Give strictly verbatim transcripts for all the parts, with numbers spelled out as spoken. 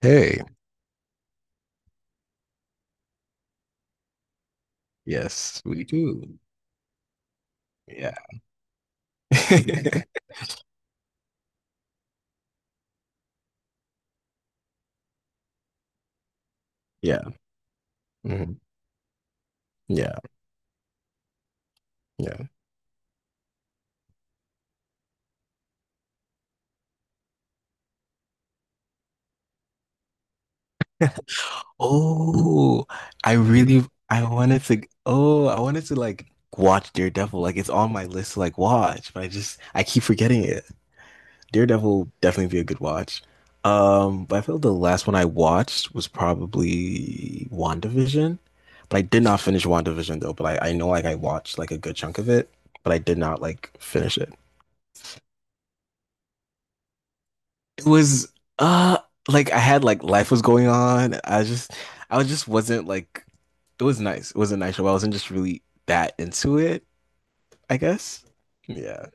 Hey, yes, we do. Yeah. Yeah. Mhm. Yeah. Yeah. Oh, I really I wanted to oh, I wanted to like watch Daredevil. Like it's on my list to like watch, but I just I keep forgetting it. Daredevil definitely be a good watch. Um, but I feel like the last one I watched was probably WandaVision. But I did not finish WandaVision though, but I, I know like I watched like a good chunk of it, but I did not like finish it. It was uh like I had like life was going on. I just I just wasn't like it was nice. It was a nice show. I wasn't just really that into it, I guess. Yeah.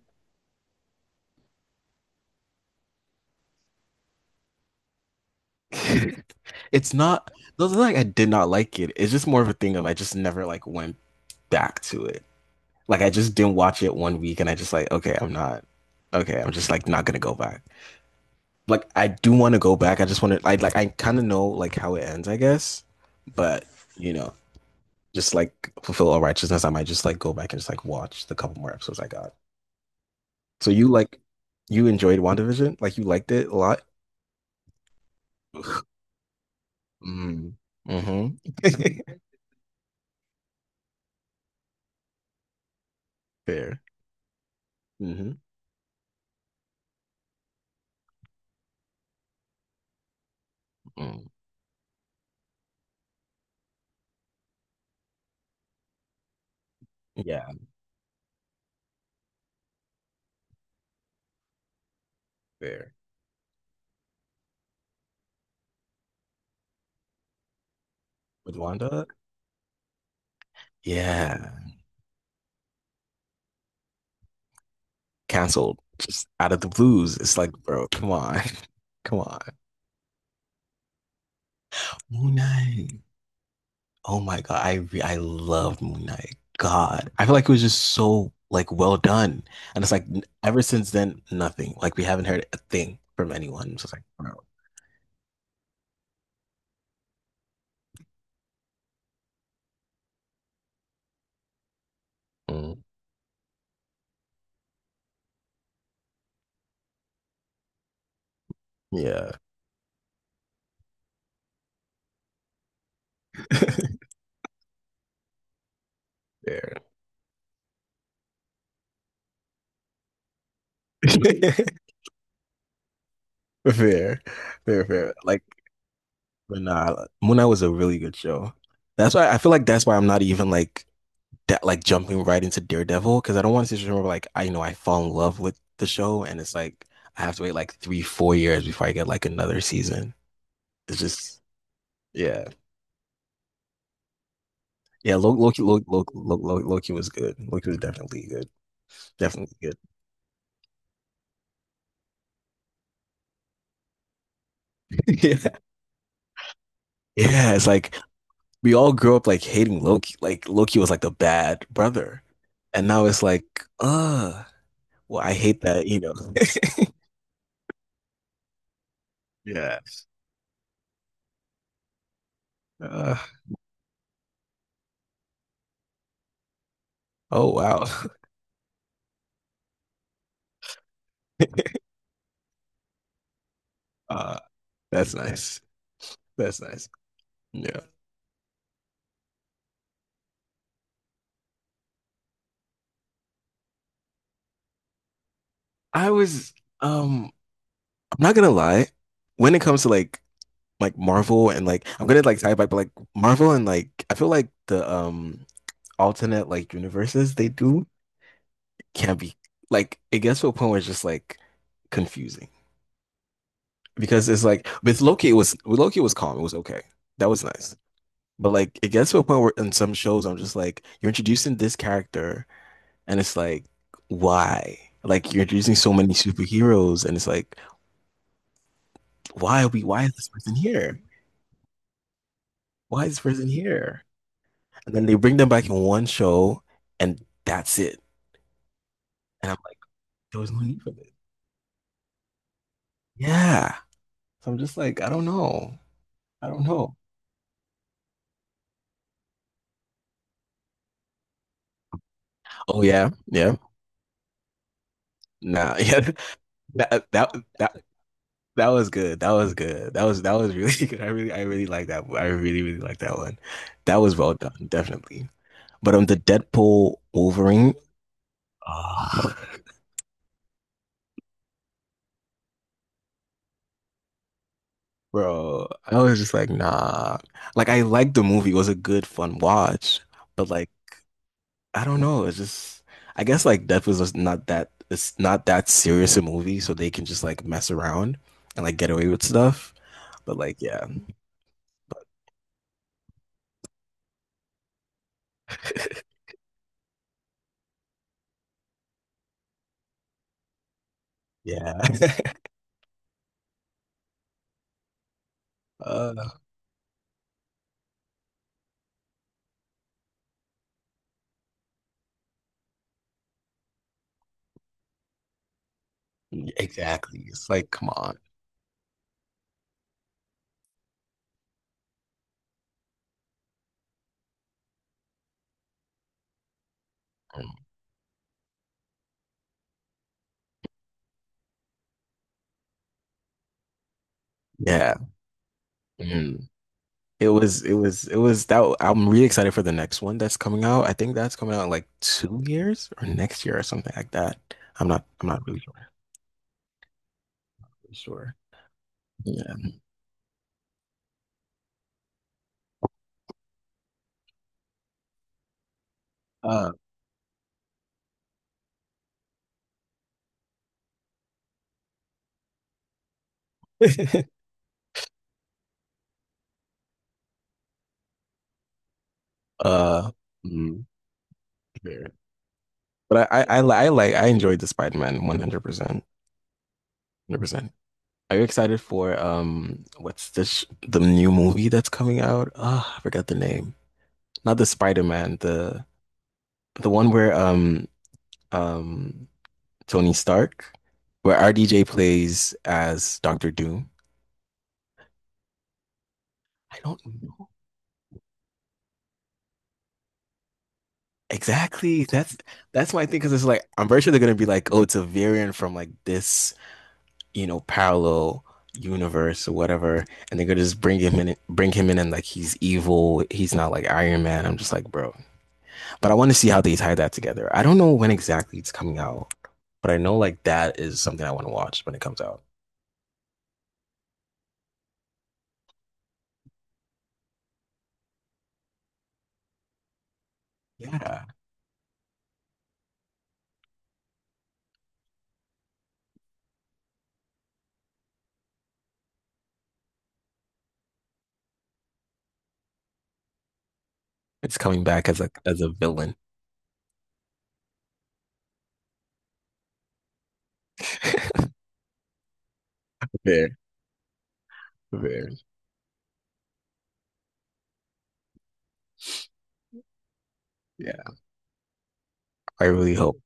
It's not those are like I did not like it. It's just more of a thing of I just never like went back to it. Like I just didn't watch it one week and I just like, okay, I'm not okay, I'm just like not gonna go back. Like I do want to go back. I just want to I like I kind of know like how it ends, I guess. But you know, just like fulfill all righteousness, I might just like go back and just like watch the couple more episodes I got. So you like you enjoyed WandaVision? Like you liked it a lot? Mm. Mm-hmm. Fair. Mm-hmm. Mm. Yeah, fair. With Wanda? Yeah. Canceled. Just out of the blues. It's like, bro, come on. Come on. Moon Knight. Oh my God, I re I loved Moon Knight. God, I feel like it was just so like well done, and it's like n- ever since then, nothing. Like we haven't heard a thing from anyone. So it's just like, wow. Mm, yeah, fair, fair, fair, fair. Like, but nah, Moon Knight was a really good show. That's why I feel like that's why I'm not even like that, like jumping right into Daredevil because I don't want to just remember like I know I fall in love with the show, and it's like I have to wait like three, four years before I get like another season. It's just. Yeah. Yeah, Loki, Loki, Loki, Loki, Loki was good. Loki was definitely good. Definitely good. Yeah. Yeah, it's like we all grew up like hating Loki. Like Loki was like the bad brother. And now it's like, uh, well, I hate that, you know. Yeah. Uh, oh wow. Uh, that's nice. That's nice. Yeah. I was um I'm not gonna lie, when it comes to like like Marvel and like I'm gonna like tie it back, but like Marvel and like I feel like the um alternate like universes they do can be like it gets to a point where it's just like confusing because it's like with Loki it was with Loki it was calm, it was okay, that was nice. But like it gets to a point where in some shows I'm just like you're introducing this character and it's like why, like you're introducing so many superheroes and it's like why are we, why is this person here why is this person here and then they bring them back in one show and that's it and I'm like there was no need for this, yeah, so I'm just like I don't know I don't know. Oh yeah, yeah. Nah, yeah. That that that that was good. That was good. That was that was really good. I really I really like that. I really really like that one. That was well done, definitely. But on the Deadpool Wolverine, ah, bro, I was just like, nah. Like I liked the movie. It was a good fun watch, but like I don't know. It's just I guess like Deadpool's just not that, it's not that serious a movie, so they can just like mess around and like get away with stuff. But like yeah. Yeah. Uh, exactly. It's like, come on. Mm, yeah. Mhm. It was, it was, it was that. I'm really excited for the next one that's coming out. I think that's coming out in like two years or next year or something like that. I'm not, I'm not really sure. Sure. Yeah. Uh, uh, mm, fair. But I, I, I, li- I like, I enjoyed the Spider-Man one hundred percent. one hundred percent. Are you excited for, um, what's the, sh the new movie that's coming out? Ah, I forgot the name. Not the Spider-Man, the, The one where um um Tony Stark, where R D J plays as Doctor Doom. I don't know. Exactly. That's that's my thing because it's like I'm very sure they're gonna be like, oh, it's a variant from like this, you know, parallel universe or whatever, and they're gonna just bring him in, bring him in, and like he's evil. He's not like Iron Man. I'm just like, bro. But I want to see how they tie that together. I don't know when exactly it's coming out, but I know like that is something I want to watch when it comes out. Yeah. It's coming back as a as a villain. Fair, fair. Yeah. I really hope.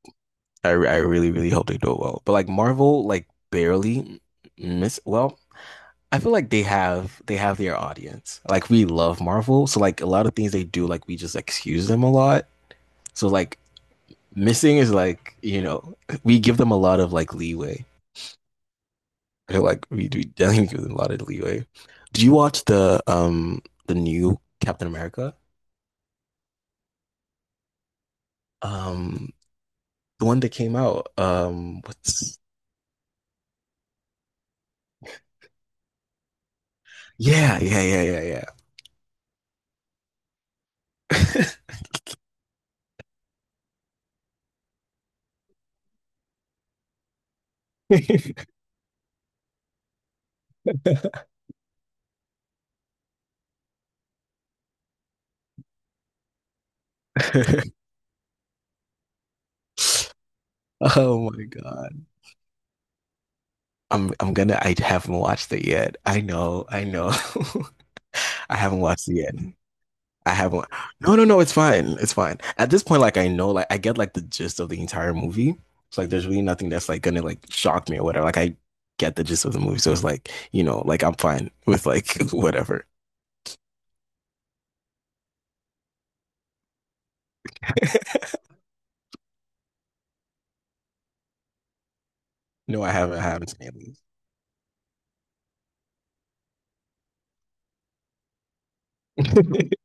I I really really hope they do it well. But like Marvel, like barely miss. Well, I feel like they have they have their audience. Like we love Marvel, so like a lot of things they do, like we just excuse them a lot. So like missing is like you know we give them a lot of like leeway. I feel like we do definitely give them a lot of leeway. Do you watch the um the new Captain America? Um, the one that came out. Um, what's Yeah, yeah, yeah, yeah, yeah. oh my god. I'm I'm gonna I haven't watched it yet. I know, I know. I haven't watched it yet. I haven't No, no, no, it's fine. It's fine. At this point, like I know, like I get like the gist of the entire movie. So like there's really nothing that's like gonna like shock me or whatever. Like I get the gist of the movie. So it's like, you know, like I'm fine with like whatever. No, I haven't I haven't seen it.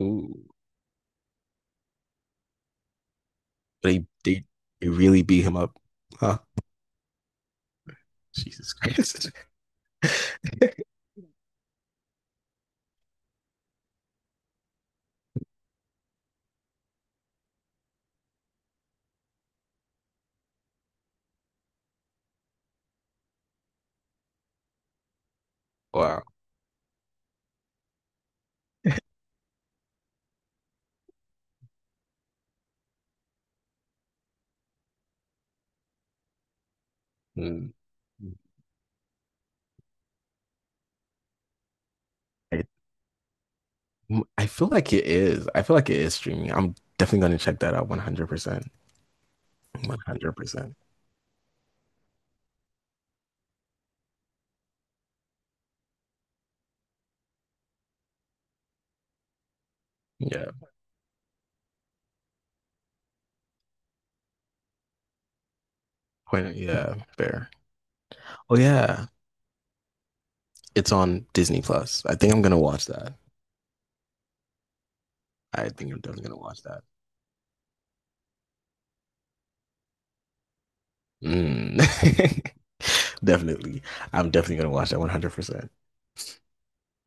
Ooh. They they they really beat him up. Huh? Jesus Christ. wow. Mm. I, I feel like it is. I feel like it is streaming. I'm definitely going to check that out one hundred percent. one hundred percent. Yeah. When- yeah, fair. Oh yeah, it's on Disney Plus. I think I'm going to watch that. I think I'm definitely going to watch that. Mm. definitely. I'm definitely going to watch that one hundred percent.